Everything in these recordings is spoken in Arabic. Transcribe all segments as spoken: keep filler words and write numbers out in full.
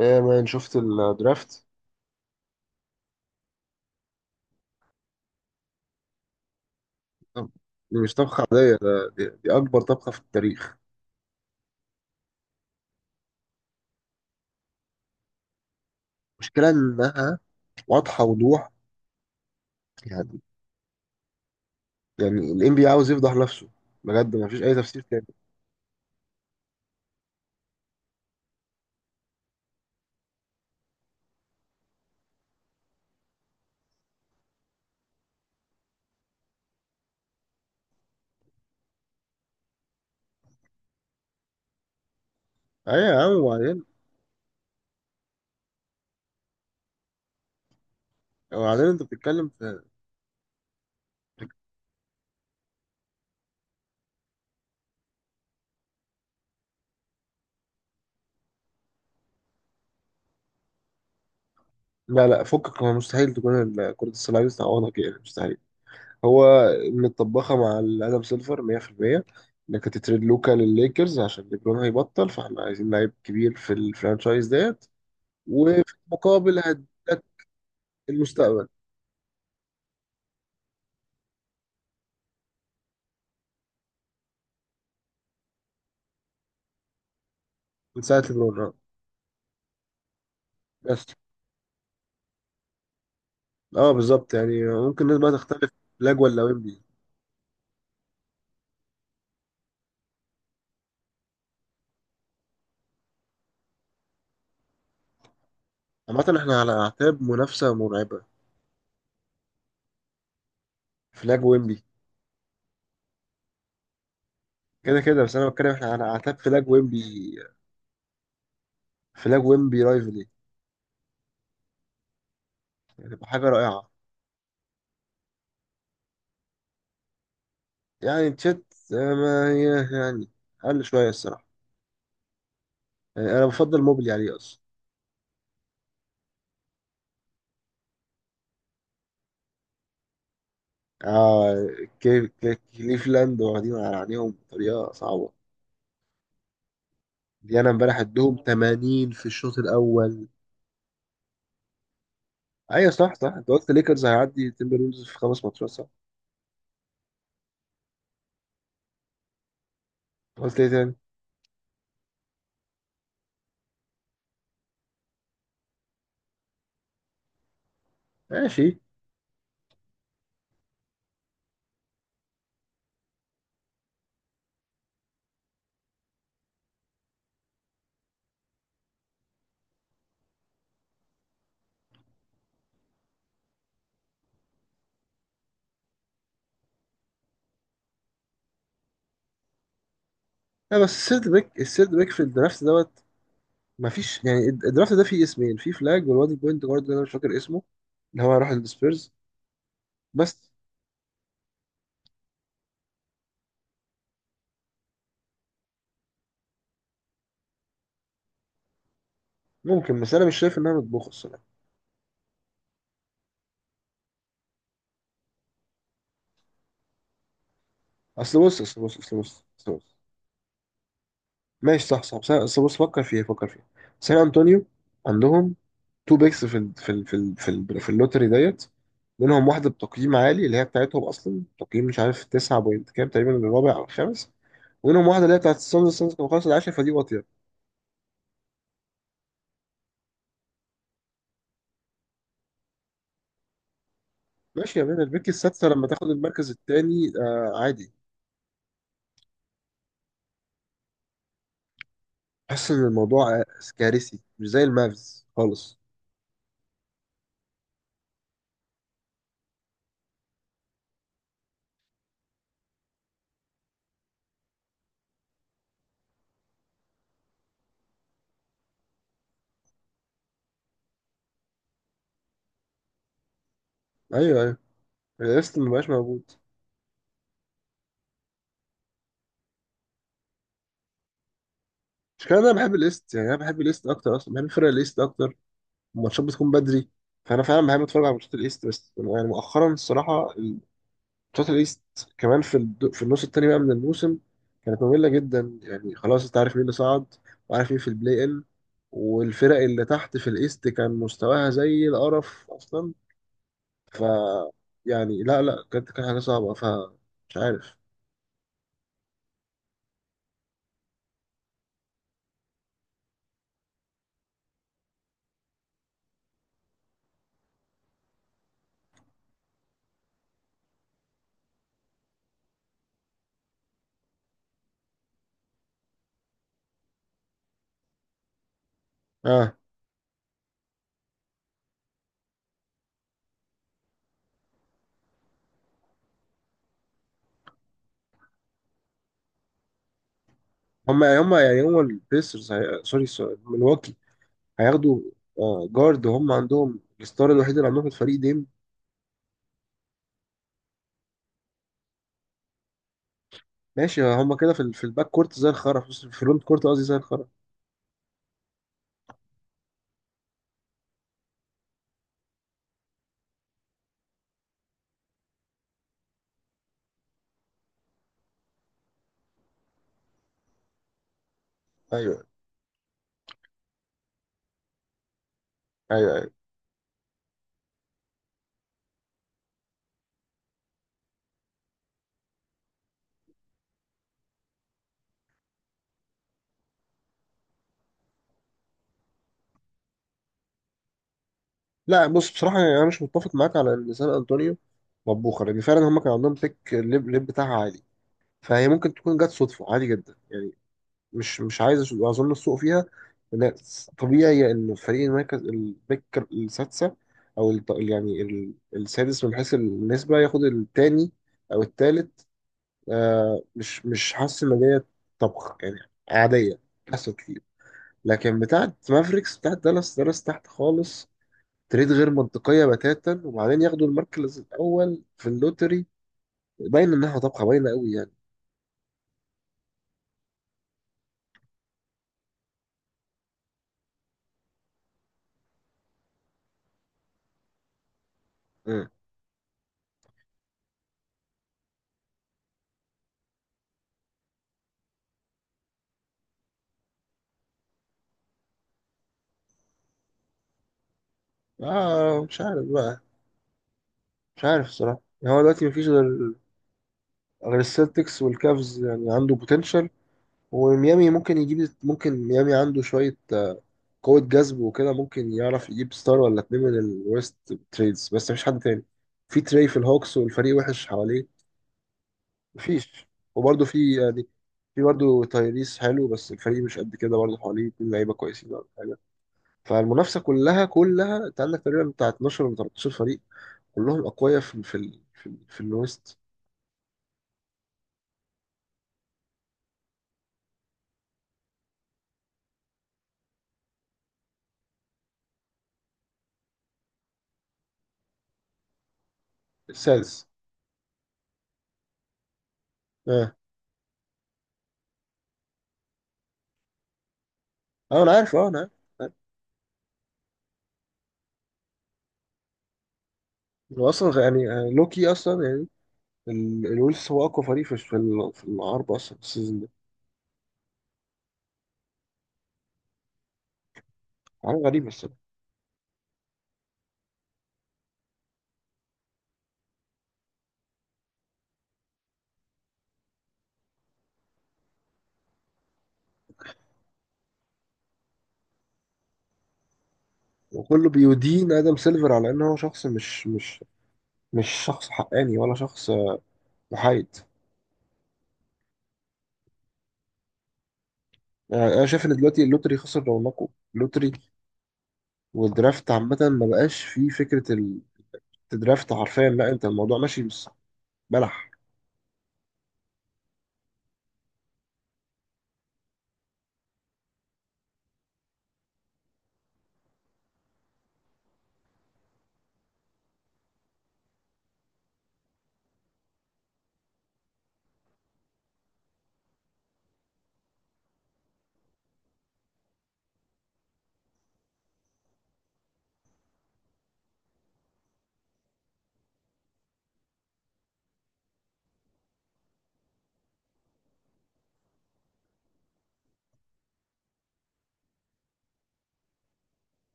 ايه يا مان، شفت الدرافت؟ طب، دي مش طبخة عادية، ده دي, دي أكبر طبخة في التاريخ. المشكلة إنها واضحة وضوح. يعني يعني ال إن بي إيه عاوز يفضح نفسه. بجد مفيش أي تفسير تاني. أيوة يا عم، وبعدين؟ وبعدين أنت بتتكلم في. لا لا، فكك، هو مستحيل تكون ال- كرة السله دي تعوضها كده، مستحيل. هو متطبخة مع ال آدم سيلفر مية بالمية، إنك هتتريد لوكا للليكرز عشان ليبرون هيبطل، فإحنا عايزين لعيب كبير في الفرانشايز ديت، وفي المقابل هديك المستقبل. من ساعة ليبرون، اه. بس اه، بالظبط. يعني ممكن الناس بقى تختلف، فلاج ولا ويمبي. عامة احنا على أعتاب منافسة مرعبة، فلاج ويمبي. كده كده، بس أنا بتكلم احنا على أعتاب فلاج ويمبي، فلاج ويمبي رايفلي، يعني تبقى حاجة رائعة. يعني تشيت. آه، ما هي يعني أقل شوية الصراحة. يعني أنا بفضل موبلي عليه أصلا. آه. كي- كي- كليفلاند واخدين على عينيهم بطريقة صعبة. دي أنا امبارح ادهم تمانين في الشوط الأول. ايوه صح صح، انت قلت ليكرز هيعدي تيمبرولز في خمس ماتشات صح؟ قلت ايه تاني؟ ماشي. لا بس السيرد باك، السيرد باك في الدرافت دوت. مفيش. يعني الد- الدرافت ده فيه اسمين، في فلاج والواد البوينت جارد اللي انا مش فاكر اسمه، اللي هو راح السبيرز. بس ممكن، بس انا مش شايف انها مطبوخه الصراحه. اصل بص اصل بص اصل بص اصل بص. ماشي صح صح، بس أنا- اصل بص، فكر فيها، فكر فيها سان انطونيو عندهم تو بيكس في ال في ال في ال في, ال في اللوتري ديت. منهم واحده بتقييم عالي اللي هي بتاعتهم اصلا، تقييم مش عارف تسعة بوينت كام، تقريبا الرابع او الخامس. ومنهم واحده اللي هي بتاعت السانز. السانز كانوا خلاص العاشر، فدي واطيه. ماشي يا مان، البيك السادسة لما تاخد المركز التاني، آه عادي. حاسس ان الموضوع آه، كارثي مش زي المافز خالص. ايوه ايوه. الايست مبقاش موجود، مش كده. انا بحب الايست، يعني انا بحب الايست اكتر، اصلا بحب فرق الايست اكتر. الماتشات بتكون بدري، فانا فعلا بحب اتفرج على ماتشات الايست. بس يعني مؤخرا الصراحة، ماتشات الايست كمان في الد... في النص التاني بقى من الموسم كانت مملة جدا. يعني خلاص انت عارف مين اللي صعد وعارف مين في البلاي ان، والفرق اللي تحت في الايست كان مستواها زي القرف اصلا. ف يعني لا لا، كانت، كانت حاجة صعبة. ف مش عارف. اه. هم هم يعني هم البيسرز، هي... سوري سوري، ملواكي هياخدوا آه جارد، وهم عندهم الستار الوحيد اللي عندهم في الفريق ديم. ماشي هم كده في, ال... في الباك كورت زي الخرا، في في الفرونت كورت قصدي زي الخرا. ايوه ايوه ايوه. لا بص، بصراحة يعني انا مش متفق معاك على ان سان انطونيو مطبوخة، لان فعلا هم كان عندهم بيك الليب، الليب بتاعها عالي، فهي ممكن تكون جت صدفة عادي جدا يعني. مش مش عايز اظن السوق فيها، لأن طبيعي ان فريق المركز، البيك السادسه، او الت- يعني ال- السادس من حيث النسبه، ياخد التاني او التالت. آه مش، مش حاسس ان ديت طبخ يعني. عاديه، حصل كتير. لكن بتاعت مافريكس، بتاعت دالاس، دالاس تحت خالص، تريد غير منطقيه بتاتا، وبعدين ياخدوا المركز الاول في اللوتري. باين انها طبخه، باينه قوي يعني. مم. اه مش عارف بقى، مش عارف الصراحه. هو دلوقتي مفيش غير غير السلتكس والكافز يعني عنده بوتنشال. وميامي ممكن يجيب. ممكن ميامي عنده شوية آه، قوة جذب وكده، ممكن يعرف يجيب ستار ولا اتنين من الويست تريدز. بس مفيش حد تاني في تري في الهوكس، والفريق وحش حواليه مفيش. وبرده في يعني، في برضه تايريس حلو، بس الفريق مش قد كده برضه، حواليه اتنين لعيبة كويسين ولا حاجة. فالمنافسة كلها كلها انت عندك تقريبا بتاع اتناشر ولا تلتعش فريق كلهم أقوياء في ال في ال في, ال في الويست. السادس. اه اه انا عارف، اه انا عارف. هو اصلا يعني آه، لوكي اصلا يعني. ال- الولف هو اقوى فريق في في ال- في العرب اصلا السيزون ده. حاجه غريبه الصراحه. وكله بيدين ادم سيلفر على ان هو شخص مش مش مش شخص حقاني ولا شخص آه، محايد. يعني انا شايف ان دلوقتي اللوتري خسر رونقه، اللوتري والدرافت عامه، ما بقاش فيه فكره ال- الدرافت حرفيا. لا انت الموضوع ماشي، بس بلح.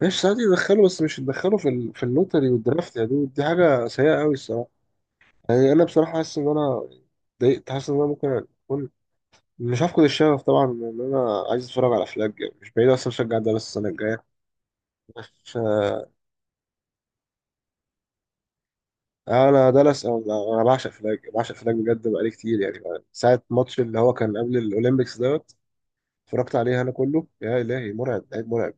ماشي ساعات يدخله، بس مش يدخله في ال- في اللوتري والدرافت يا دود، دي حاجه سيئه قوي الصراحه. يعني انا بصراحه حاسس ان انا ضايقت. حاسس ان انا ممكن اكون، مش هفقد الشغف طبعا، ان انا عايز اتفرج على افلام، يعني مش بعيد اصلا اشجع دالاس السنه الجايه. بس آه، انا دالاس، انا أنا بعشق فلاج، بعشق فلاج بجد، بقالي كتير يعني. ساعه ماتش اللي هو كان قبل الاولمبيكس دوت، اتفرجت عليه، انا كله يا الهي، مرعب، لعيب مرعب.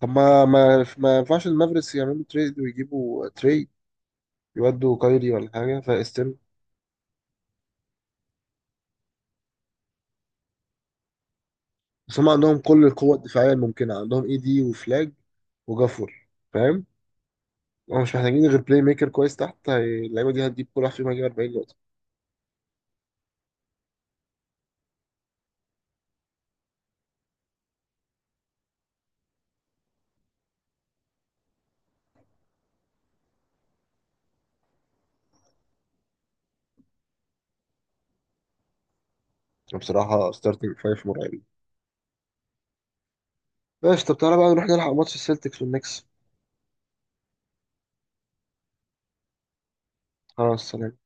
طب ما ما ما ينفعش المافريكس يعملوا تريد ويجيبوا تري، يودوا كايري ولا حاجه فاستن؟ بس هم عندهم كل القوه الدفاعيه الممكنه، عندهم اي دي وفلاج وجافور، فاهم. هم مش محتاجين غير بلاي ميكر كويس تحت. هي- اللعيبه دي هتجيب، كل واحد فيهم هيجيب اربعين. بصراحة ستارتنج فايف مرعب. ماشي، طب تعالى بقى نروح نلحق ماتش السلتكس والنكس. خلاص سلام.